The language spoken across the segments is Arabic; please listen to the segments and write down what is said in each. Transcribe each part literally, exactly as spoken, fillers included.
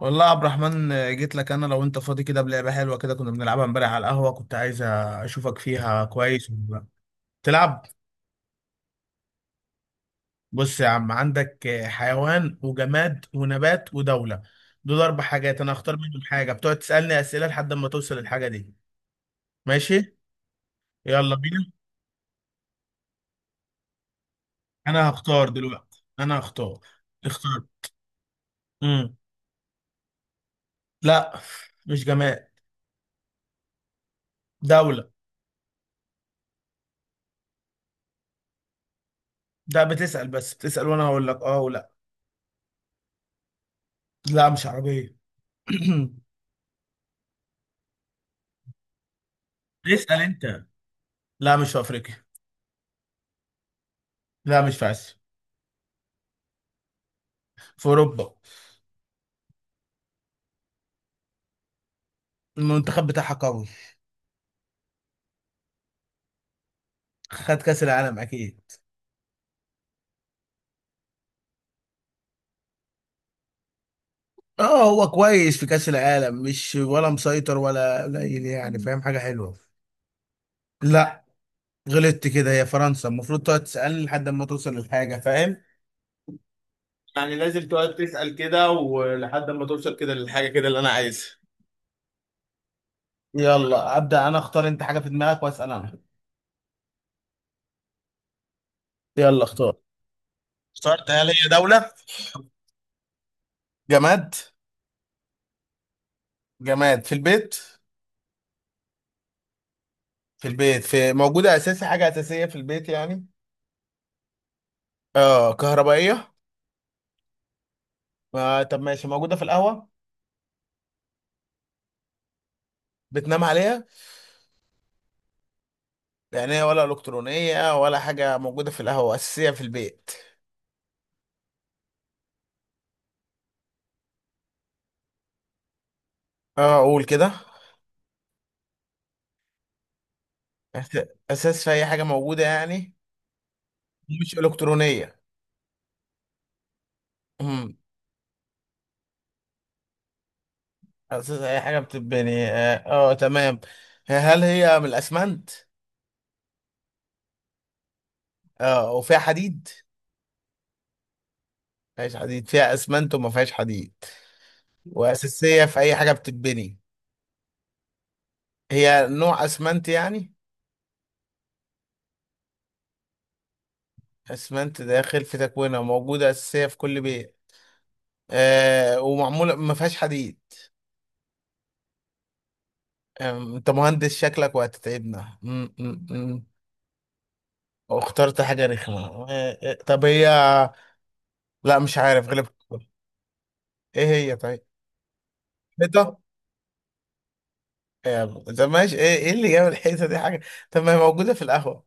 والله يا عبد الرحمن، جيت لك انا. لو انت فاضي كده بلعبه حلوه كده كنا بنلعبها امبارح على القهوه، كنت عايز اشوفك فيها كويس ولا لا. تلعب؟ بص يا عم، عندك حيوان وجماد ونبات ودوله. دول اربع حاجات، انا هختار منهم حاجه، بتقعد تسالني اسئله لحد ما توصل للحاجه دي. ماشي، يلا بينا. انا هختار دلوقتي، انا هختار. اختار. امم لا، مش جماد. دوله. ده بتسال بس، بتسال وانا هقول لك اه ولا. لا، مش عربيه. اسال انت. لا، مش في افريقيا. لا، مش في اسيا. في اوروبا. المنتخب بتاعها قوي. خد كاس العالم اكيد. اه، هو كويس في كاس العالم، مش ولا مسيطر ولا قليل، يعني فاهم، حاجه حلوه. لا. غلطت كده، هي فرنسا. المفروض تقعد تسالني لحد ما توصل للحاجه، فاهم؟ يعني لازم تقعد كده. الحاجة كده اللي أنا عايزها. يلا ابدا، انا اختار انت حاجه. انا. يلا اختار. اخترت؟ هل هي دوله؟ جماد؟ جماد في البيت. في، موجوده اساسي حاجه يعني. اه هي. آه طب ما هو، بتنام عليها؟ يعني هي ولا الكترونيه ولا حاجه موجوده في القهوه اساسيه في البيت؟ اه اقول كده. أس- اساس في اي حاجه موجوده يعني؟ مش الكترونيه. امم اساس اي حاجه بتتبني، اه، آه تمام. هل هي من الاسمنت؟ اه وفيها حديد؟ فيهاش حديد، فيها اسمنت وما فيهاش حديد، واساسيه في اي حاجه بتتبني. هي نوع اسمنت يعني؟ اسمنت داخل في تكوينها، موجوده اساسيه في كل بيت، آه، ومعموله ما فيهاش حديد. أم، انت مهندس شكلك وهتتعبنا. أم، أم، أم. واخترت حاجة رخمة. أه، أه، طب هي، لا مش عارف، غلب. ايه هي طيب؟ حيطة. أم، طب ماشي. ايه ايه اللي جاب الحيطة دي حاجة؟ طب ما هي موجودة في القهوة.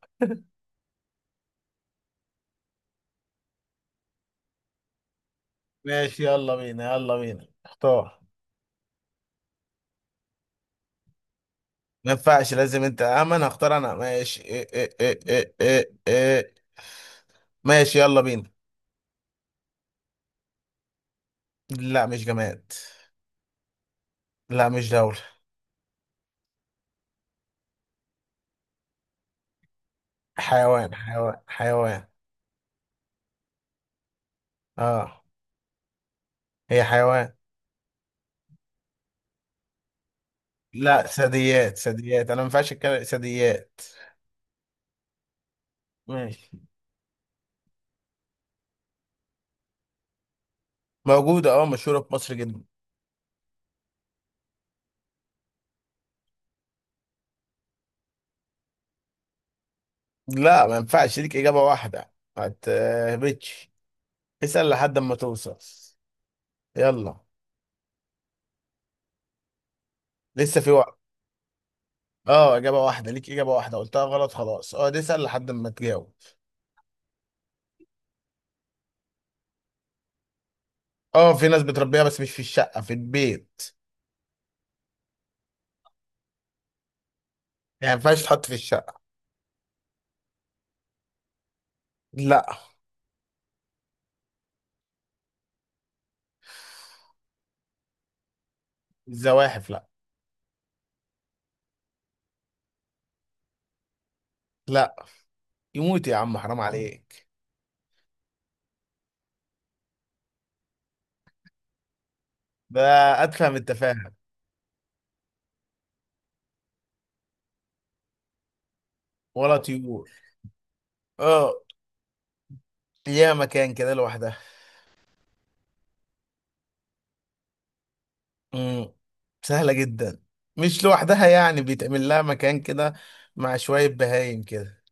ماشي، يلا بينا، يلا بينا اختار. ما ينفعش، لازم انت امن هختار انا، ماشي. إيه إيه إيه إيه إيه إيه. ماشي يلا بينا. لا مش جماد. لا مش دولة. حيوان، حيوان حيوان اه هي حيوان. لا، ثدييات ثدييات، انا ما ينفعش اتكلم. ثدييات، ماشي. موجودة، اه، مشهورة في مصر جدا. لا، ما ينفعش ليك إجابة واحدة، ما تهبطش، اسأل لحد ما توصل. يلا، لسه في وقت. اه إجابة واحدة، ليك إجابة واحدة، قلتها غلط خلاص. اه اسأل لحد ما تجاوب. اه في ناس بتربيها بس مش في الشقة، في البيت يعني، ما ينفعش تحط في الشقة. لا. الزواحف لا. لا، يموت يا عم، حرام عليك. ده، أتفهم التفاهة. ولا طيور. اه، ليها مكان كده لوحدها. امم سهلة جدا. مش لوحدها يعني، بيتعمل لها مكان كده مع شوية بهايم كده.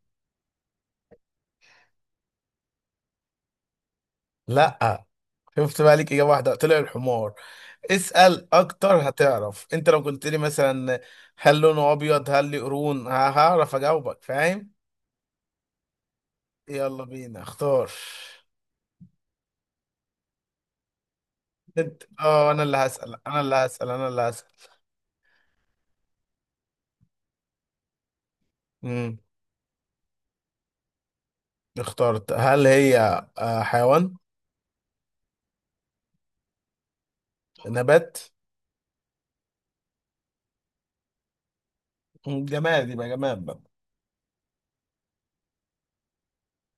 لا. شفت بقى؟ ليك إجابة واحدة طلع الحمار. اسأل أكتر هتعرف. أنت لو قلت لي مثلا هل لونه أبيض، هل ليه قرون، ه- هعرف أجاوبك، فاهم؟ يلا بينا اختار. أنت، أه أنا اللي هسأل، أنا اللي هسأل، أنا اللي هسأل. امم اخترت. هل هي، آه، حيوان؟ نبات؟ مم، جماد؟ يبقى جماد بقى؟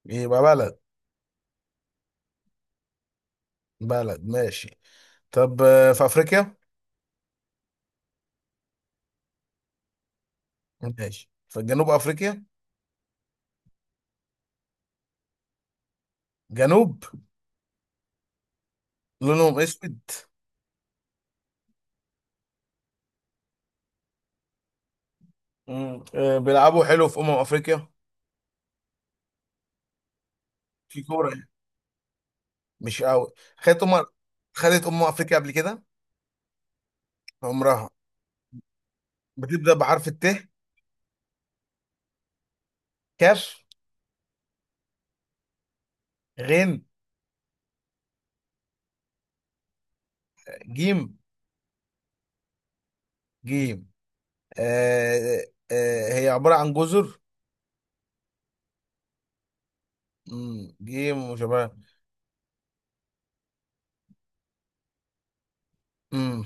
يبقى بلد. بلد ماشي. طب آه، في افريقيا؟ ماشي، في جنوب افريقيا. جنوب، لونهم اسود. مم. آه، بيلعبوا حلو في امم افريقيا؟ في كوره يعني. مش قوي؟ خدت امم خدت امم افريقيا قبل كده؟ عمرها؟ بتبدا بحرف الت؟ كاف؟ غين؟ جيم؟ جيم، آه آه، آه، هي عباره عن جزر؟ مم. جيم وشباب. مم.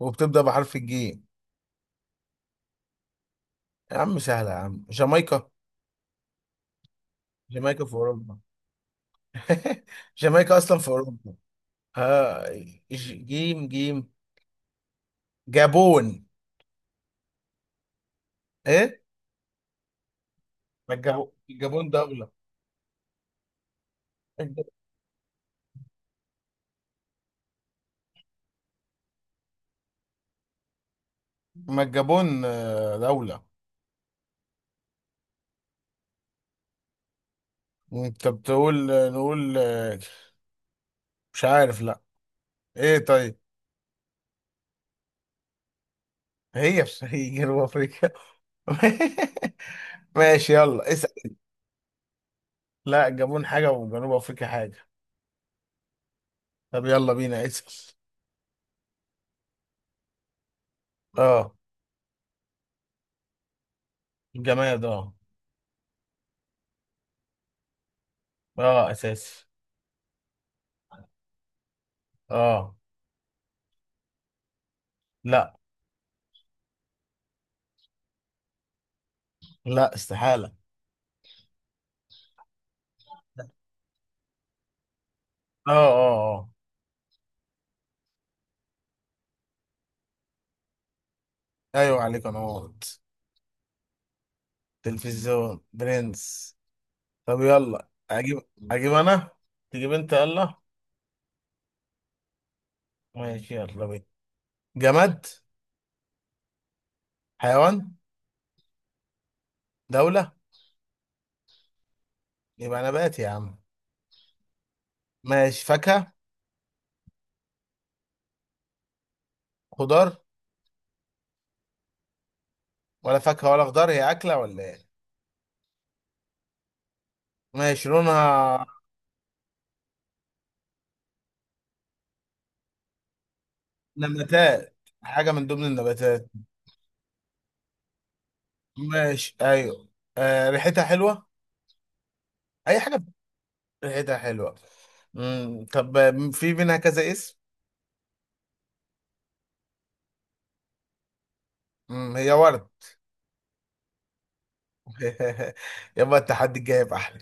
وبتبدا بحرف الجيم. يا عم سهله يا عم، جامايكا. جامايكا في اوروبا. جامايكا اصلا في اوروبا. آه، ج- جيم جيم، جابون. ايه؟ ما الجابون، الجابون دولة. ما الجابون آه، دولة. انت بتقول نقول آه، مش عارف، لا. ايه طيب؟ هي بس، هي جنوب افريقيا. ماشي يلا اسأل. لا، الجابون حاجة وجنوب افريقيا حاجة. طب يلا بينا اسأل. اه، الجماد. اه، اه اساسي. اه. لا. لا استحالة. اه اه اه. ايوه عليك، انا غلط. تلفزيون برنس. طب يلا اجيب، اجيب انا، تجيب انت يلا. ماشي يلا بينا. جماد؟ حيوان؟ دولة؟ يبقى نبات يا عم. ماشي، فاكهة؟ خضار؟ ولا فاكهة ولا خضار، هي أكلة ولا ايه؟ ماشي، لونها؟ نباتات، حاجة من ضمن النباتات. ماشي، أيوه. آه ريحتها حلوة؟ أي حاجة ريحتها حلوة. مم. طب آه، في منها كذا اسم؟ مم. هي ورد. يبقى التحدي الجاي يبقى أحلى.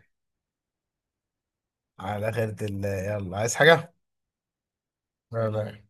على خيرة الله، يلا عايز حاجة؟ لا لا